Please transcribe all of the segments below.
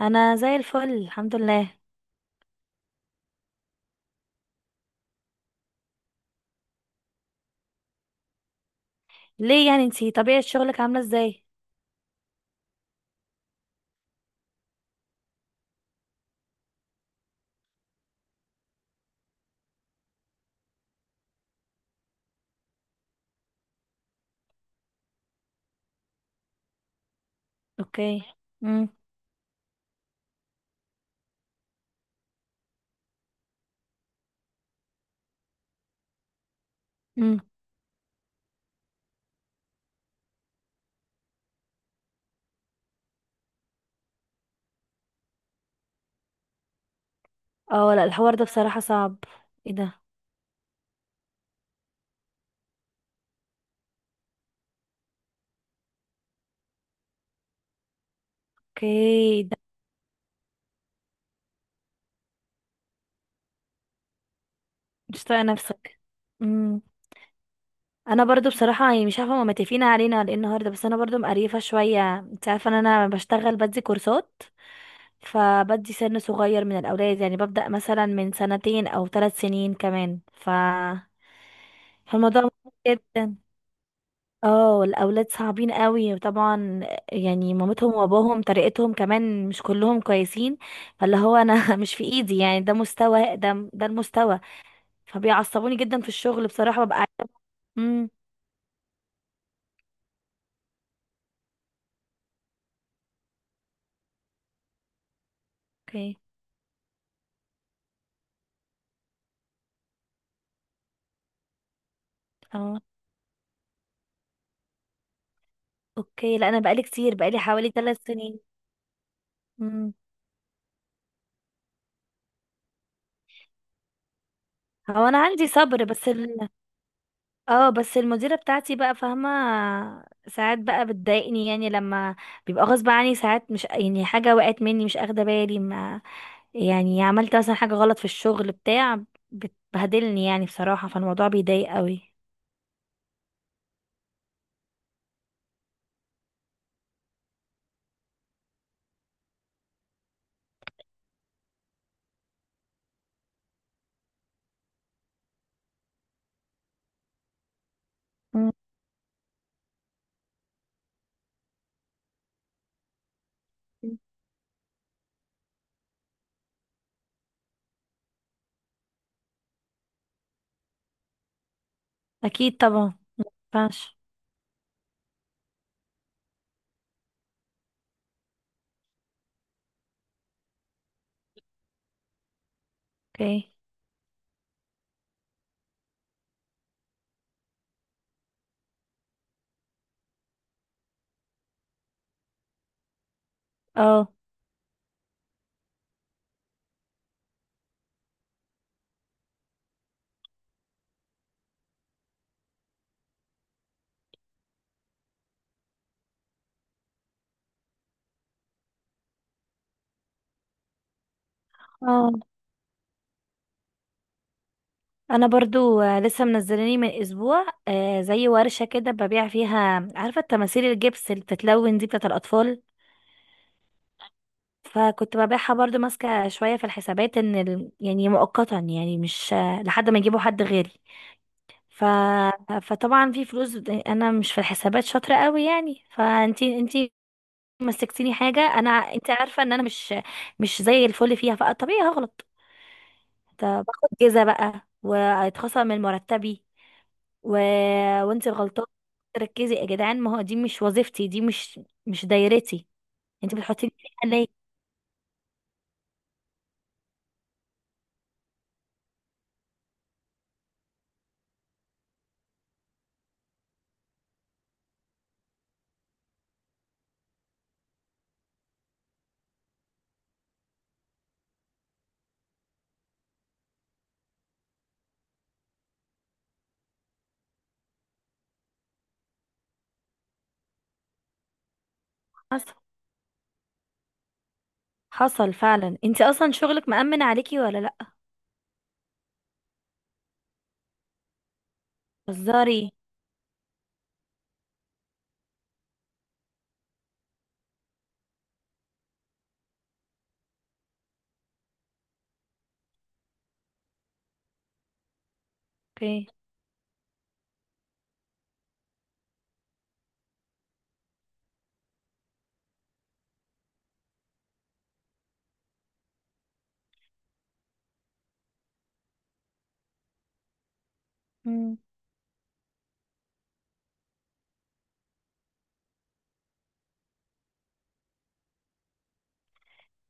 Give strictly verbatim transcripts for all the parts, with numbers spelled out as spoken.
انا زي الفل، الحمد لله. ليه؟ يعني انتي طبيعة شغلك عاملة ازاي؟ اوكي. امم امم اه، لا، الحوار ده بصراحة صعب. ايه ده؟ اوكي. ده مش طايقة نفسك. امم انا برضو بصراحة يعني مش عارفة هما متفقين علينا على ايه النهاردة، بس انا برضو مقريفة شوية. انت عارفة ان انا بشتغل بدي كورسات، فبدي سن صغير من الاولاد، يعني ببدأ مثلا من سنتين او ثلاث سنين كمان. ف فالموضوع مهم جدا. اه، الاولاد صعبين قوي طبعا. يعني مامتهم واباهم طريقتهم كمان مش كلهم كويسين. فاللي هو انا مش في ايدي، يعني ده مستوى، ده ده المستوى. فبيعصبوني جدا في الشغل بصراحة. ببقى عايزة- امم اوكي. اه. اوكي، لا انا بقالي كتير بقالي حوالي ثلاث سنين. امم هو انا عندي صبر، بس ال... اه، بس المديره بتاعتي بقى فاهمه. ساعات بقى بتضايقني، يعني لما بيبقى غصب عني. ساعات مش يعني حاجه وقعت مني، مش اخده بالي. ما يعني عملت مثلا حاجة غلط في الشغل بتاع، بتبهدلني يعني بصراحة. فالموضوع بيضايق قوي. مم. اكيد طبعا. مفينفعش. اوكي. اه. اه، انا برضو آه، لسه منزلاني من اسبوع آه، زي ورشة كده ببيع فيها. عارفة التماثيل الجبس اللي بتتلون دي بتاعة الاطفال؟ فكنت ببيعها، برضو ماسكة شوية في الحسابات. ان ال... يعني مؤقتا، يعني مش آه، لحد ما يجيبوا حد غيري. ف... فطبعا في فلوس. انا مش في الحسابات شاطرة قوي يعني، فانتي انتي مسكتيني حاجه. انا انت عارفه ان انا مش مش زي الفل فيها، فطبيعي هغلط. طب باخد جزا بقى وهيتخصم من مرتبي و... وانت غلطانه، تركزي يا جدعان. ما هو دي مش وظيفتي، دي مش مش دايرتي. انت بتحطيني فيها ليه؟ حصل. حصل فعلا. انت اصلا شغلك مأمن عليكي ولا لا؟ هزاري. اوكي.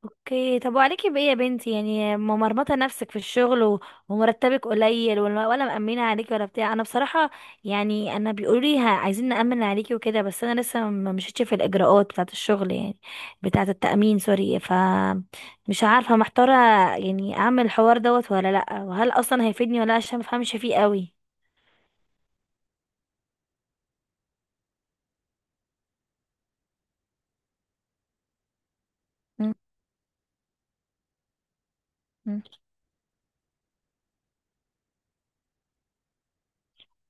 اوكي، طب وعليكي بايه يا بنتي؟ يعني ممرمطه نفسك في الشغل و- ومرتبك قليل، ولا ولا مأمنه عليكي، ولا بتاع. انا بصراحه، يعني انا بيقولوا لي ه- عايزين نأمن عليكي وكده، بس انا لسه ما مشيتش في الاجراءات بتاعه الشغل يعني، بتاعه التأمين، سوري. ف مش عارفه، محتاره. يعني اعمل الحوار دوت ولا لا؟ وهل اصلا هيفيدني ولا لا؟ عشان ما بفهمش فيه قوي. مم. مم.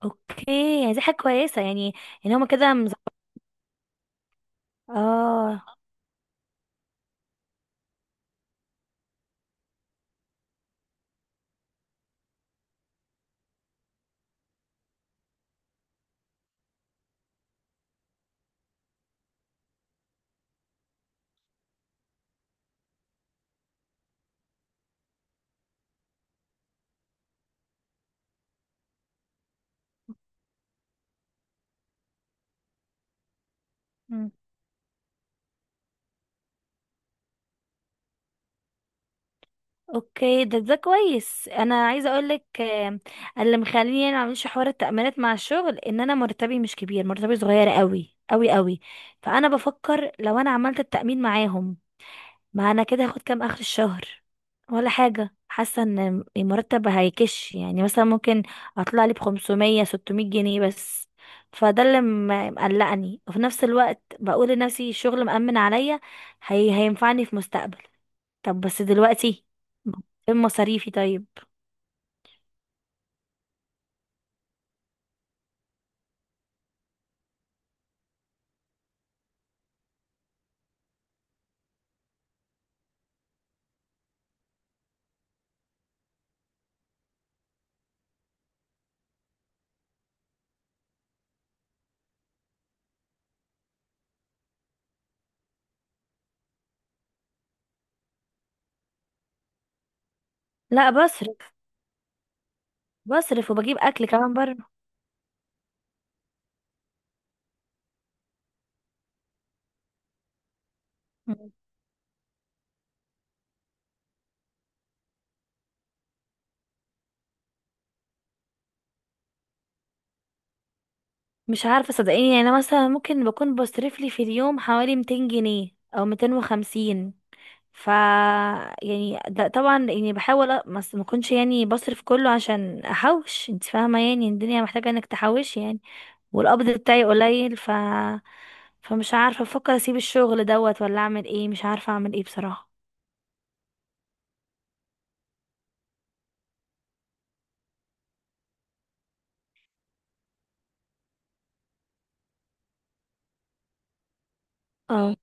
اوكي يعني دي حاجه كويسه يعني، ان هما كده مز... اه. اوكي، ده ده كويس. انا عايزه اقول لك اللي مخليني يعني ما اعملش حوار التأمينات مع الشغل، ان انا مرتبي مش كبير، مرتبي صغير قوي قوي قوي. فانا بفكر لو انا عملت التأمين معاهم، ما انا كده هاخد كام اخر الشهر؟ ولا حاجه. حاسه ان المرتب هيكش، يعني مثلا ممكن اطلع لي ب خمسمية ستمية جنيه بس. فده اللي م- مقلقني. وفي نفس الوقت بقول لنفسي الشغل مأمن عليا، هي هينفعني في مستقبل. طب بس دلوقتي فين مصاريفي طيب؟ لا، بصرف. بصرف وبجيب اكل كمان بره. مم. مش عارفه صدقيني. يعني انا مثلا ممكن بكون بصرف لي في اليوم حوالي ميتين جنيه او ميتين وخمسين. ف يعني ده طبعا يعني بحاول أ- ما أص- ما اكونش يعني بصرف كله، عشان احوش. انت فاهمه يعني الدنيا محتاجه انك تحوشي يعني. والقبض بتاعي قليل. ف فمش عارفه، بفكر اسيب الشغل دوت ولا اعمل ايه. مش عارفه اعمل ايه بصراحه. اه،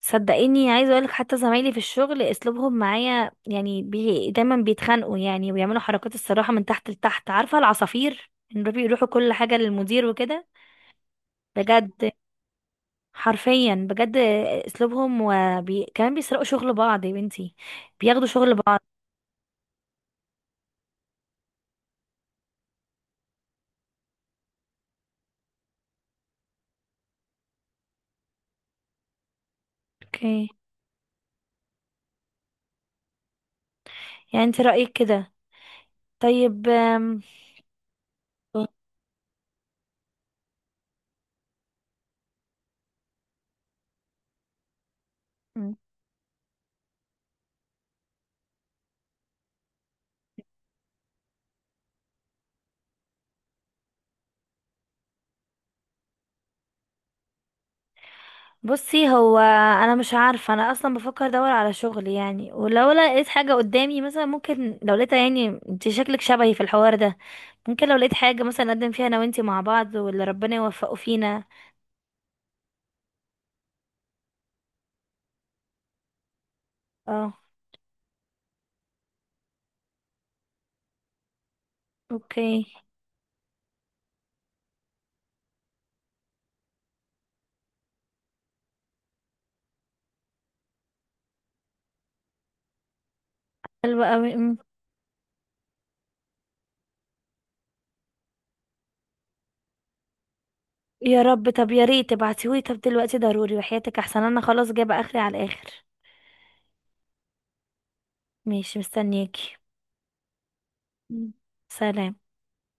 صدقيني عايزه اقولك. حتى زمايلي في الشغل اسلوبهم معايا يعني بي دايما بيتخانقوا، يعني وبيعملوا حركات، الصراحه من تحت لتحت. عارفه العصافير؟ ان بي- بيروحوا كل حاجه للمدير وكده. بجد. حرفيا بجد. اسلوبهم وبي... كمان بيسرقوا شغل بعض يا بنتي، بياخدوا شغل بعض. اوكي، يعني انت رايك كده؟ طيب. آم، مم. بصي، هو انا مش عارفه. انا اصلا بفكر ادور على شغل يعني، ولو لقيت حاجه قدامي مثلا ممكن. لو لقيتها يعني، انت شكلك شبهي في الحوار ده. ممكن لو لقيت حاجة مثلا نقدم فيها انا وانتي مع بعض، واللي ربنا يوفقه فينا. اه. اوكي. حلوة قوي. أم. يا رب. طب يا ريت تبعتيهولي. طب دلوقتي ضروري وحياتك، احسن انا خلاص جايبة اخري على الاخر. ماشي، مستنياكي. مم. سلام.